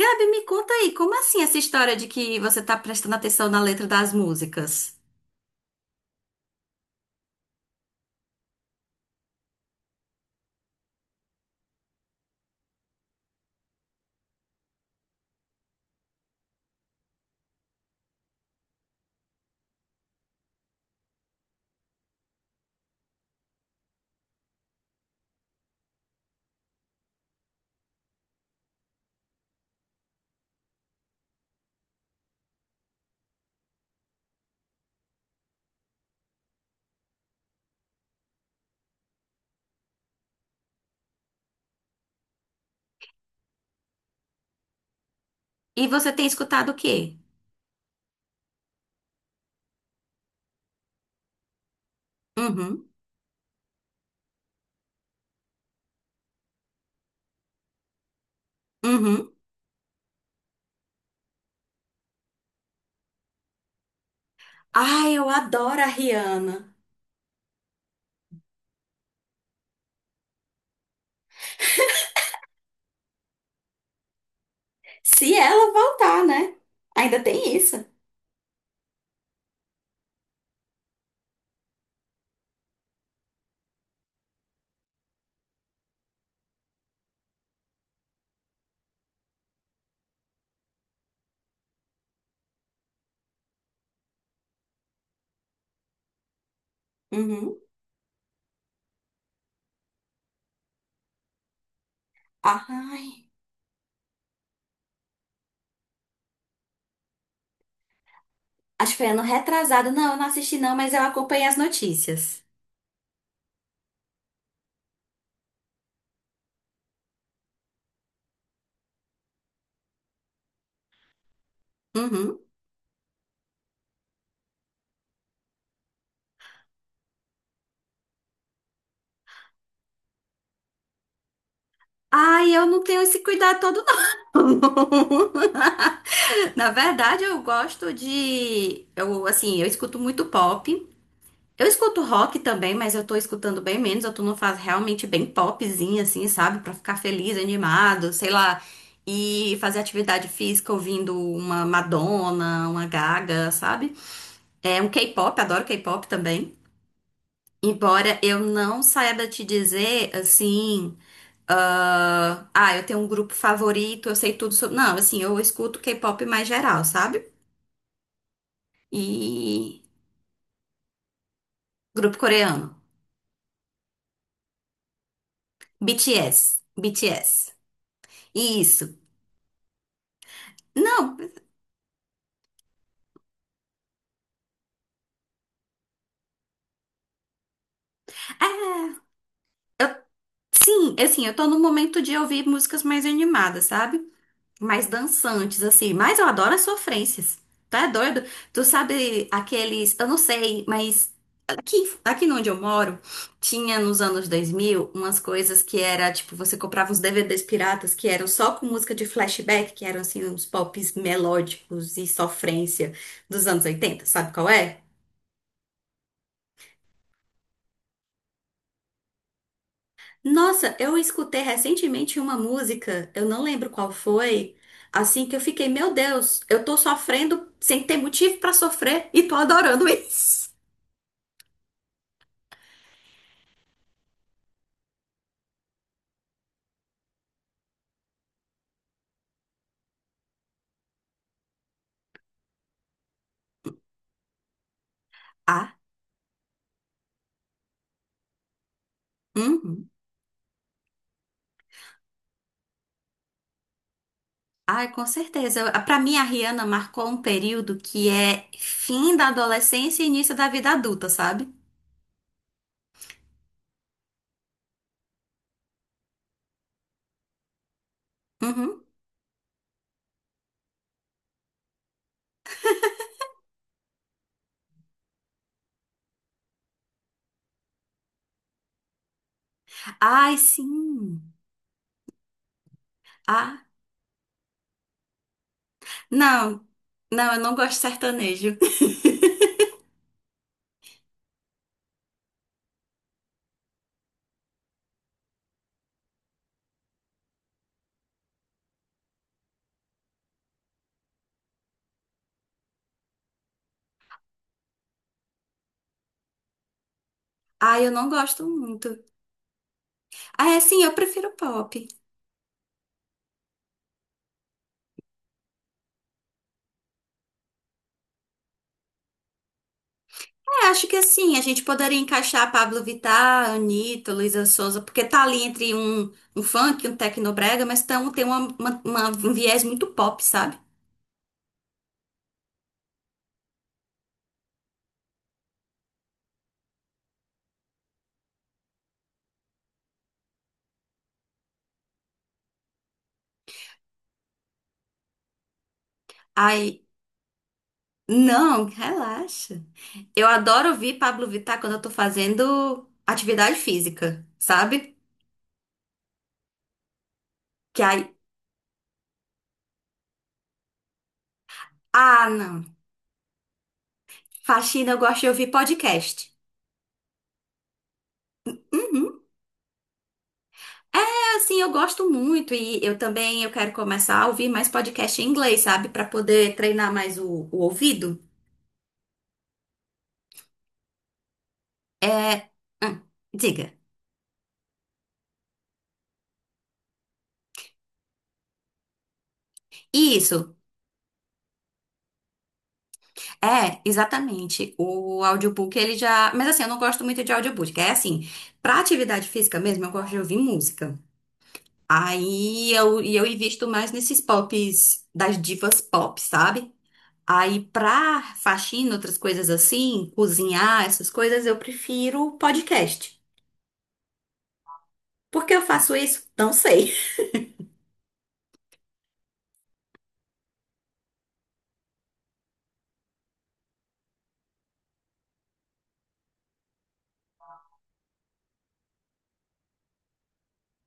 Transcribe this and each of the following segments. Gabi, me conta aí, como assim essa história de que você tá prestando atenção na letra das músicas? E você tem escutado o quê? Uhum. Uhum. Ai, eu adoro a Rihanna. Se ela voltar, né? Ainda tem isso. Uhum. Ai, acho que foi ano retrasado. Não, eu não assisti não, mas eu acompanhei as notícias. Uhum. Ai, eu não tenho esse cuidado todo, não. Na verdade, eu gosto de... Eu, assim, eu escuto muito pop. Eu escuto rock também, mas eu tô escutando bem menos. Eu tô numa fase realmente bem popzinha, assim, sabe? Pra ficar feliz, animado, sei lá. E fazer atividade física ouvindo uma Madonna, uma Gaga, sabe? É um K-pop, adoro K-pop também. Embora eu não saiba te dizer, assim. Eu tenho um grupo favorito, eu sei tudo sobre. Não, assim, eu escuto K-pop mais geral, sabe? E. Grupo coreano. BTS. BTS. Isso. Não. É. Eu- sim, assim, eu tô no momento de ouvir músicas mais animadas, sabe? Mais dançantes, assim. Mas eu adoro as sofrências. Tá é doido? Tu sabe aqueles. Eu não sei, mas aqui, aqui onde eu moro, tinha nos anos 2000 umas coisas que era tipo: você comprava uns DVDs piratas que eram só com música de flashback, que eram assim, uns pops melódicos e sofrência dos anos 80. Sabe qual é? Nossa, eu escutei recentemente uma música, eu não lembro qual foi, assim que eu fiquei, meu Deus, eu tô sofrendo sem ter motivo pra sofrer e tô adorando isso. Ah, uhum. Ai, com certeza. Pra mim, a Rihanna marcou um período que é fim da adolescência e início da vida adulta, sabe? Uhum. Ai, sim. Ah, não, não, eu não gosto de sertanejo. Ai, eu não gosto muito. Ah, é, sim, eu prefiro pop. É, acho que assim, a gente poderia encaixar Pablo Vittar, Anitta, Luísa Sonza, porque tá ali entre um, um funk, um tecnobrega, mas tão, tem um viés muito pop, sabe? Aí, não, relaxa. Eu adoro ouvir Pablo Vittar quando eu tô fazendo atividade física, sabe? Que aí, ah, não. Faxina, eu gosto de ouvir podcast. Uhum. É, assim, eu gosto muito e eu também eu quero começar a ouvir mais podcast em inglês, sabe? Pra poder treinar mais o ouvido. É, hum, diga. Isso, é, exatamente. O audiobook, ele já. Mas assim, eu não gosto muito de audiobook. É assim, pra atividade física mesmo, eu gosto de ouvir música. Aí eu, e eu invisto mais nesses pops, das divas pop, sabe? Aí pra faxina, outras coisas assim, cozinhar, essas coisas, eu prefiro podcast. Por que eu faço isso? Não sei.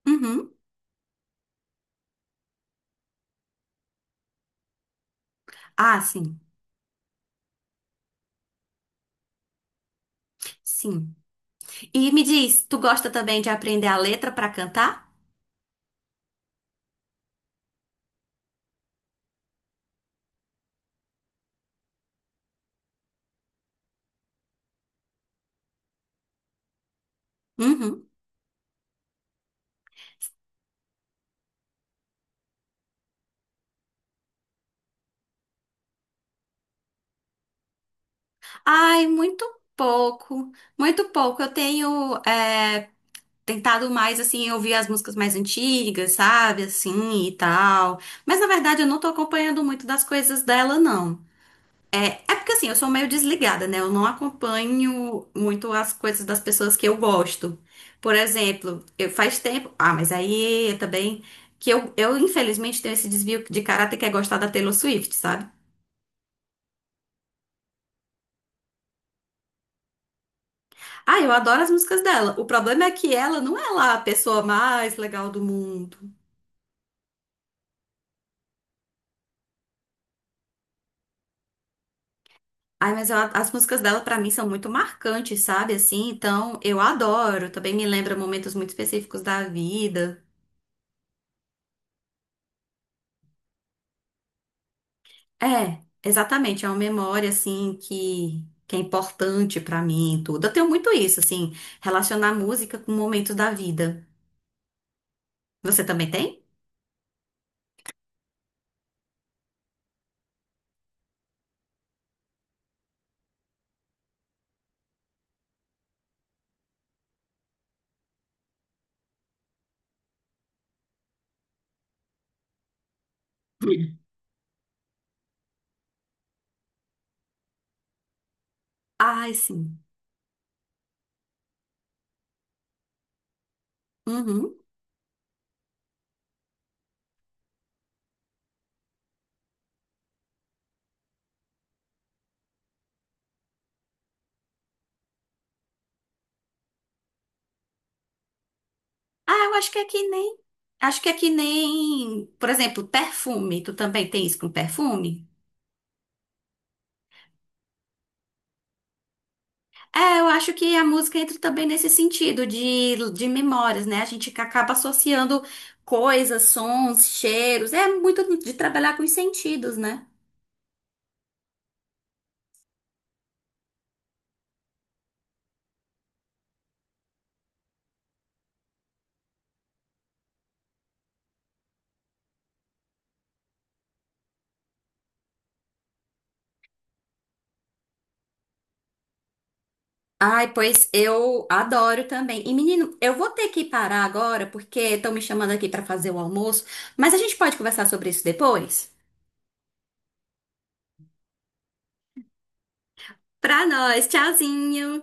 Uhum. Ah, sim, sim. E me diz, tu gosta também de aprender a letra pra cantar? Uhum. Ai, muito pouco, muito pouco. Eu tenho é, tentado mais, assim, ouvir as músicas mais antigas, sabe, assim e tal. Mas na verdade eu não tô acompanhando muito das coisas dela, não. É, é porque assim, eu sou meio desligada, né? Eu não acompanho muito as coisas das pessoas que eu gosto. Por exemplo, eu faz tempo. Ah, mas aí também. Infelizmente, tenho esse desvio de caráter que é gostar da Taylor Swift, sabe? Ah, eu adoro as músicas dela. O problema é que ela não é lá a pessoa mais legal do mundo. Ai, mas as músicas dela pra mim são muito marcantes, sabe? Assim, então eu adoro. Também me lembra momentos muito específicos da vida. É, exatamente. É uma memória assim que é importante pra mim, e tudo. Eu tenho muito isso, assim, relacionar música com momentos da vida. Você também tem? Ai, sim. Uhum. Ah, eu acho que é que nem. Acho que é que nem, por exemplo, perfume. Tu também tem isso com perfume? É, eu acho que a música entra também nesse sentido de memórias, né? A gente acaba associando coisas, sons, cheiros. É muito de trabalhar com os sentidos, né? Ai, pois eu adoro também. E menino, eu vou ter que parar agora porque estão me chamando aqui para fazer o almoço, mas a gente pode conversar sobre isso depois? Pra nós, tchauzinho!